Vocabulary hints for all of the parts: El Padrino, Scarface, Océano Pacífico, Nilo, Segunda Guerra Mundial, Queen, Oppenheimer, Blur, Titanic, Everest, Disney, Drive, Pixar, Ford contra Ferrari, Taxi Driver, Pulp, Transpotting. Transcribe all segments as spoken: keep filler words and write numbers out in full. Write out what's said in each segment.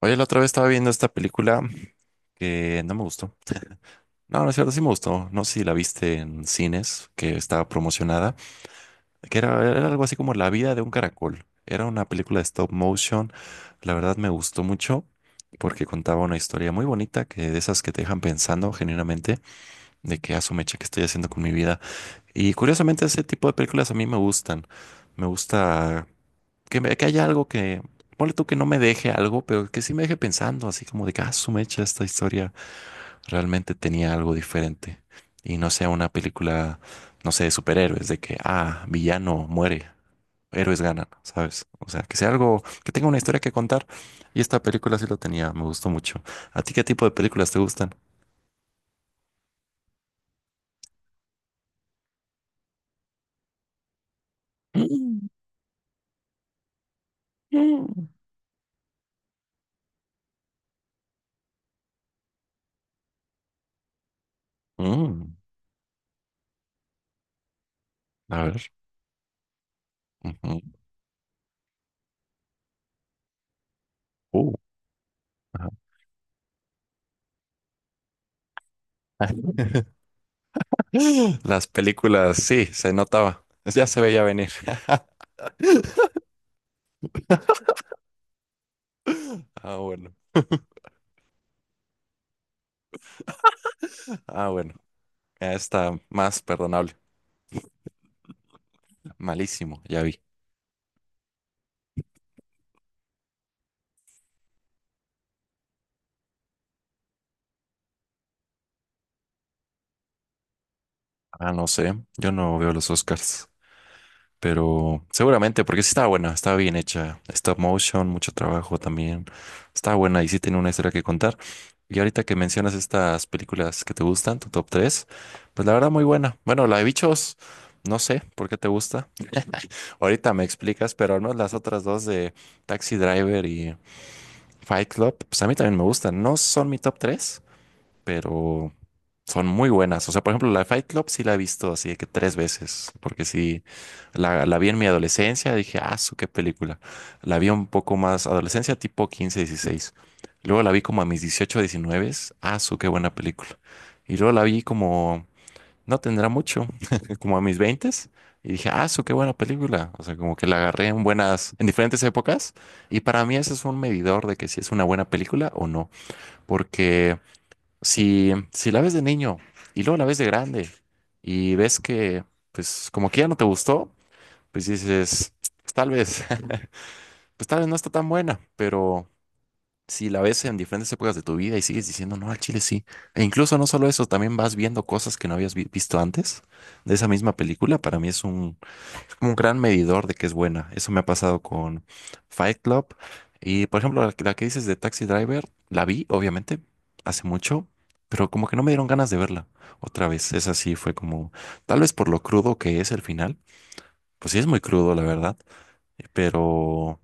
Oye, la otra vez estaba viendo esta película que no me gustó. No, no es cierto, sí me gustó. No sé si la viste en cines, que estaba promocionada, que era, era algo así como La vida de un caracol. Era una película de stop motion. La verdad me gustó mucho porque contaba una historia muy bonita, que de esas que te dejan pensando genuinamente de que asumeche que estoy haciendo con mi vida. Y curiosamente ese tipo de películas a mí me gustan. Me gusta que, me- que haya algo que, ponle tú que no me deje algo, pero que sí me deje pensando, así como de que, ah, su mecha, esta historia realmente tenía algo diferente. Y no sea una película, no sé, de superhéroes, de que, ah, villano muere, héroes ganan, ¿sabes? O sea, que sea algo, que tenga una historia que contar. Y esta película sí lo tenía, me gustó mucho. ¿A ti qué tipo de películas te gustan? Mm, mm. Mm. A ver. Ujú. Uh, ajá. Las películas, sí, se notaba. Ya se veía venir. Ah, bueno. Ah, bueno. Ya está más perdonable. Malísimo, ya vi. Ah, no sé. Yo no veo los Oscars. Pero seguramente, porque sí estaba buena, estaba bien hecha. Stop motion, mucho trabajo también. Estaba buena y sí tiene una historia que contar. Y ahorita que mencionas estas películas que te gustan, tu top tres, pues la verdad muy buena. Bueno, la de bichos, no sé por qué te gusta. Ahorita me explicas, pero no las otras dos de Taxi Driver y Fight Club, pues a mí también me gustan. No son mi top tres, pero son muy buenas. O sea, por ejemplo, la de Fight Club sí la he visto así de que tres veces, porque sí, la, la vi en mi adolescencia, dije, ah, su qué película. La vi un poco más adolescencia, tipo quince dieciséis. Luego la vi como a mis dieciocho diecinueve, ah, su qué buena película. Y luego la vi como, no tendrá mucho, como a mis veinte. Y dije, ah, su qué buena película. O sea, como que la agarré en buenas, en diferentes épocas. Y para mí ese es un medidor de que si es una buena película o no. Porque si, si la ves de niño y luego la ves de grande y ves que, pues, como que ya no te gustó, pues dices, "Pues, tal vez, pues tal vez no está tan buena, pero si la ves en diferentes épocas de tu vida y sigues diciendo, no, al chile sí. E incluso no solo eso, también vas viendo cosas que no habías vi- visto antes de esa misma película. Para mí es un, como un gran medidor de que es buena. Eso me ha pasado con Fight Club. Y por ejemplo, la, que la que dices de Taxi Driver, la vi, obviamente, hace mucho, pero como que no me dieron ganas de verla otra vez. Esa sí fue como, tal vez por lo crudo que es el final. Pues sí es muy crudo, la verdad, eh, pero,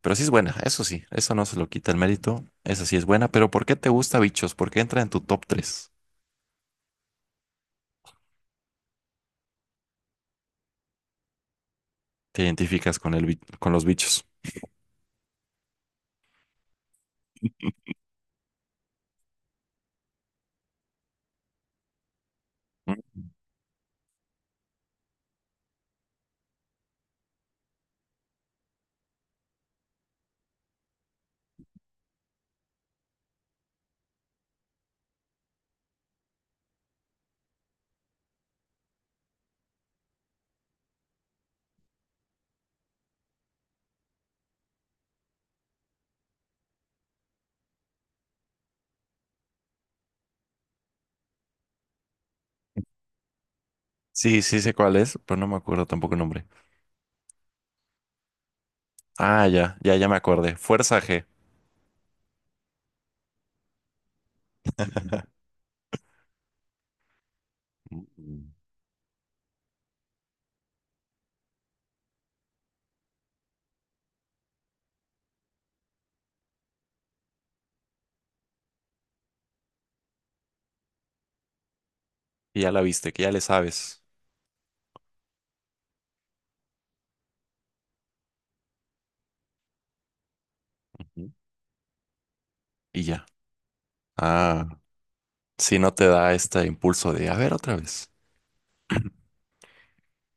pero sí es buena, eso sí, eso no se lo quita el mérito, esa sí es buena, pero ¿por qué te gusta Bichos? ¿Por qué entra en tu top tres? ¿Te identificas con el, bi- con los bichos? Mm. Sí, sí sé cuál es, pero no me acuerdo tampoco el nombre. Ah, ya, ya, ya me acordé. Fuerza G. Mm. Y ya la viste, que ya le sabes. Ujú. Y ya. Ah, si no te da este impulso de, a ver, otra vez.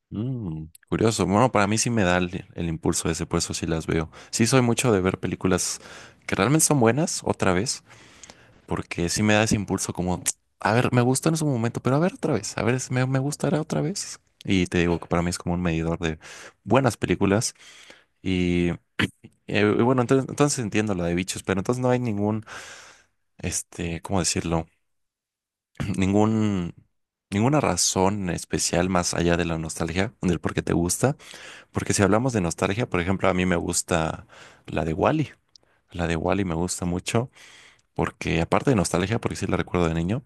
Mm, curioso. Bueno, para mí sí me da el, el impulso ese, por eso sí las veo. Sí soy mucho de ver películas que realmente son buenas, otra vez, porque sí me da ese impulso como, "Tsk, a ver, me gustó en su momento, pero a ver otra vez, a ver, es- me, me gustará otra vez. Y te digo que para mí es como un medidor de buenas películas. y Eh, bueno, entonces, entonces entiendo lo de bichos, pero entonces no hay ningún, este, ¿cómo decirlo? Ningún, ninguna razón especial más allá de la nostalgia, del por qué te gusta. Porque si hablamos de nostalgia, por ejemplo, a mí me gusta la de Wally. La de Wally me gusta mucho porque, aparte de nostalgia, porque sí la recuerdo de niño.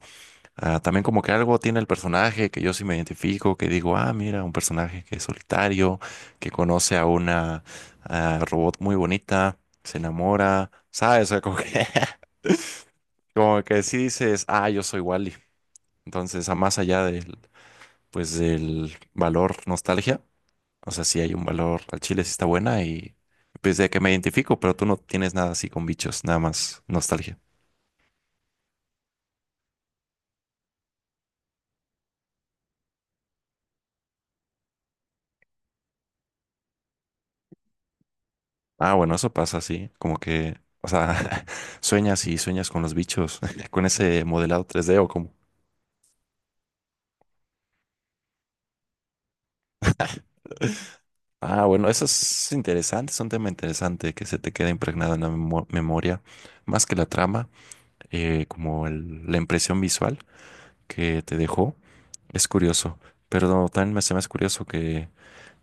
Ah, también como que algo tiene el personaje que yo sí me identifico, que digo, ah, mira, un personaje que es solitario, que conoce a una ah, robot muy bonita, se enamora, ¿sabes? O sea, como que, como que sí dices, ah, yo soy Wally. Entonces, a más allá del, pues, del valor nostalgia, o sea, sí hay un valor al chile, sí está buena y pues de que me identifico, pero tú no tienes nada así con bichos, nada más nostalgia. Ah, bueno, eso pasa, sí. Como que, o sea, sueñas y sueñas con los bichos, con ese modelado tres d o como. Ah, bueno, eso es interesante, es un tema interesante que se te queda impregnado en la memo- memoria, más que la trama, eh, como el- la impresión visual que te dejó. Es curioso, pero no, también me, se me hace curioso que,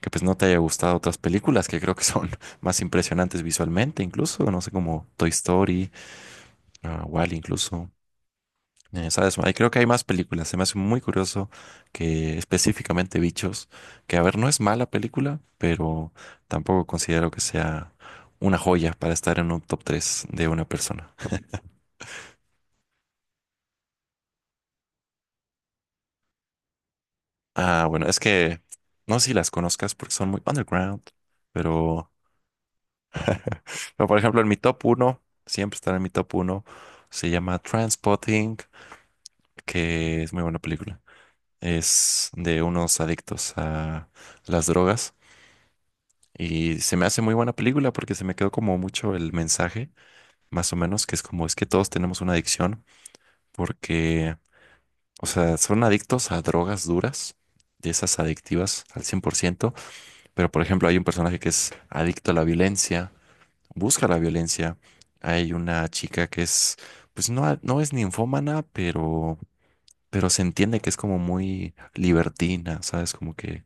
que pues no te haya gustado otras películas que creo que son más impresionantes visualmente, incluso, no sé, como Toy Story, Wall incluso. Eh, ¿Sabes? Ahí creo que hay más películas. Se me hace muy curioso que específicamente Bichos, que a ver, no es mala película, pero tampoco considero que sea una joya para estar en un top tres de una persona. Ah, bueno, es que no sé si las conozcas porque son muy underground, pero, pero por ejemplo, en mi top uno, siempre estará en mi top uno, se llama Transpotting, que es muy buena película. Es de unos adictos a las drogas. Y se me hace muy buena película porque se me quedó como mucho el mensaje, más o menos, que es como es que todos tenemos una adicción porque, o sea, son adictos a drogas duras, de esas adictivas al cien por ciento. Pero por ejemplo hay un personaje que es adicto a la violencia, busca la violencia, hay una chica que es, pues no, a- no es ninfómana, pero, pero se entiende que es como muy libertina, ¿sabes? Como que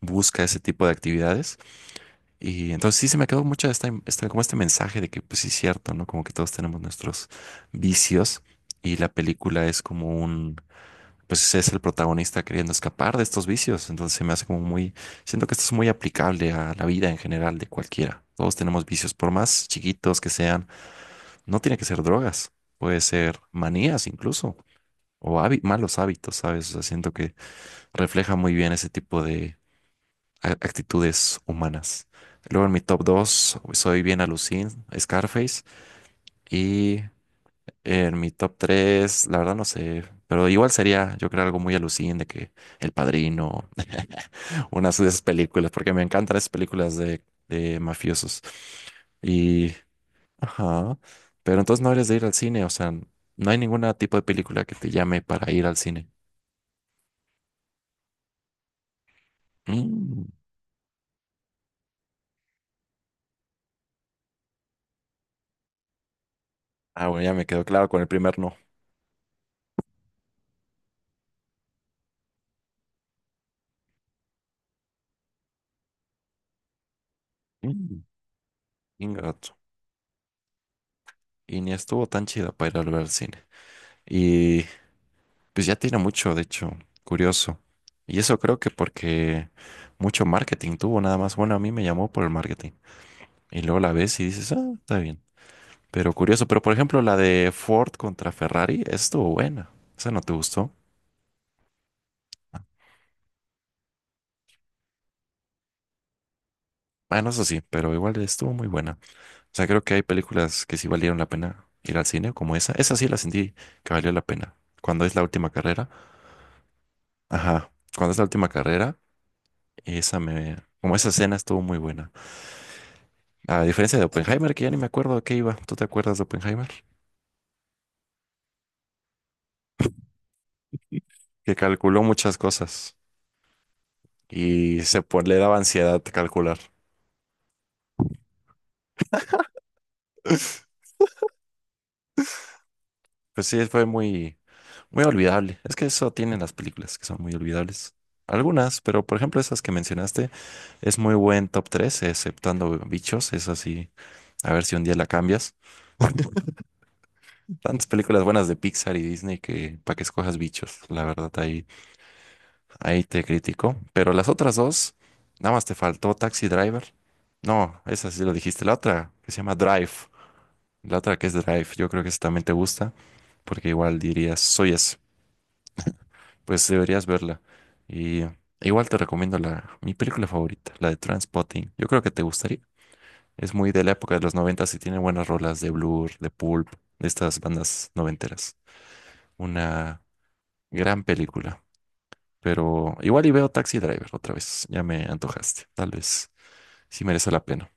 busca ese tipo de actividades. Y entonces sí se me quedó mucho esta, esta- como este mensaje de que pues sí es cierto, ¿no? Como que todos tenemos nuestros vicios y la película es como un, pues es el protagonista queriendo escapar de estos vicios. Entonces se me hace como muy, siento que esto es muy aplicable a la vida en general de cualquiera. Todos tenemos vicios, por más chiquitos que sean, no tiene que ser drogas, puede ser manías incluso, o hábi- malos hábitos, ¿sabes? O sea, siento que refleja muy bien ese tipo de a- actitudes humanas. Luego en mi top dos, soy bien alucin, Scarface. Y en mi top tres la verdad no sé, pero igual sería, yo creo, algo muy alucin de que El Padrino, unas de esas películas, porque me encantan esas películas de, de mafiosos. Y, ajá, pero entonces no eres de ir al cine, o sea, no hay ningún tipo de película que te llame para ir al cine. Mm. Ah, bueno, ya me quedó claro con el primer no. Mm. Ingato. Y ni estuvo tan chida para ir a ver al cine. Y pues ya tiene mucho, de hecho, curioso. Y eso creo que porque mucho marketing tuvo nada más. Bueno, a mí me llamó por el marketing. Y luego la ves y dices, ah, está bien. Pero curioso, pero por ejemplo la de Ford contra Ferrari, esa estuvo buena. Esa no te gustó. Bueno, eso sí, pero igual estuvo muy buena. O sea, creo que hay películas que sí valieron la pena ir al cine, como esa. Esa sí la sentí que valió la pena. Cuando es la última carrera. Ajá. Cuando es la última carrera. Y esa me... Como esa escena estuvo muy buena. A diferencia de Oppenheimer, que ya ni me acuerdo de qué iba. ¿Tú te acuerdas de Oppenheimer? Que calculó muchas cosas y se po- le daba ansiedad calcular. Pues sí, fue muy, muy olvidable. Es que eso tienen las películas, que son muy olvidables. Algunas, pero por ejemplo esas que mencionaste, es muy buen top tres exceptando Bichos, es así. A ver si un día la cambias. Tantas películas buenas de Pixar y Disney que para que escojas Bichos, la verdad, ahí. Ahí te critico. Pero las otras dos, nada más te faltó Taxi Driver. No, esa sí lo dijiste. La otra que se llama Drive. La otra que es Drive. Yo creo que esa también te gusta. Porque igual dirías, soy eso. Pues deberías verla. Y igual te recomiendo la, mi película favorita, la de Transpotting. Yo creo que te gustaría. Es muy de la época de los noventas y tiene buenas rolas de Blur, de Pulp, de estas bandas noventeras. Una gran película. Pero igual y veo Taxi Driver otra vez. Ya me antojaste. Tal vez. Sí merece la pena.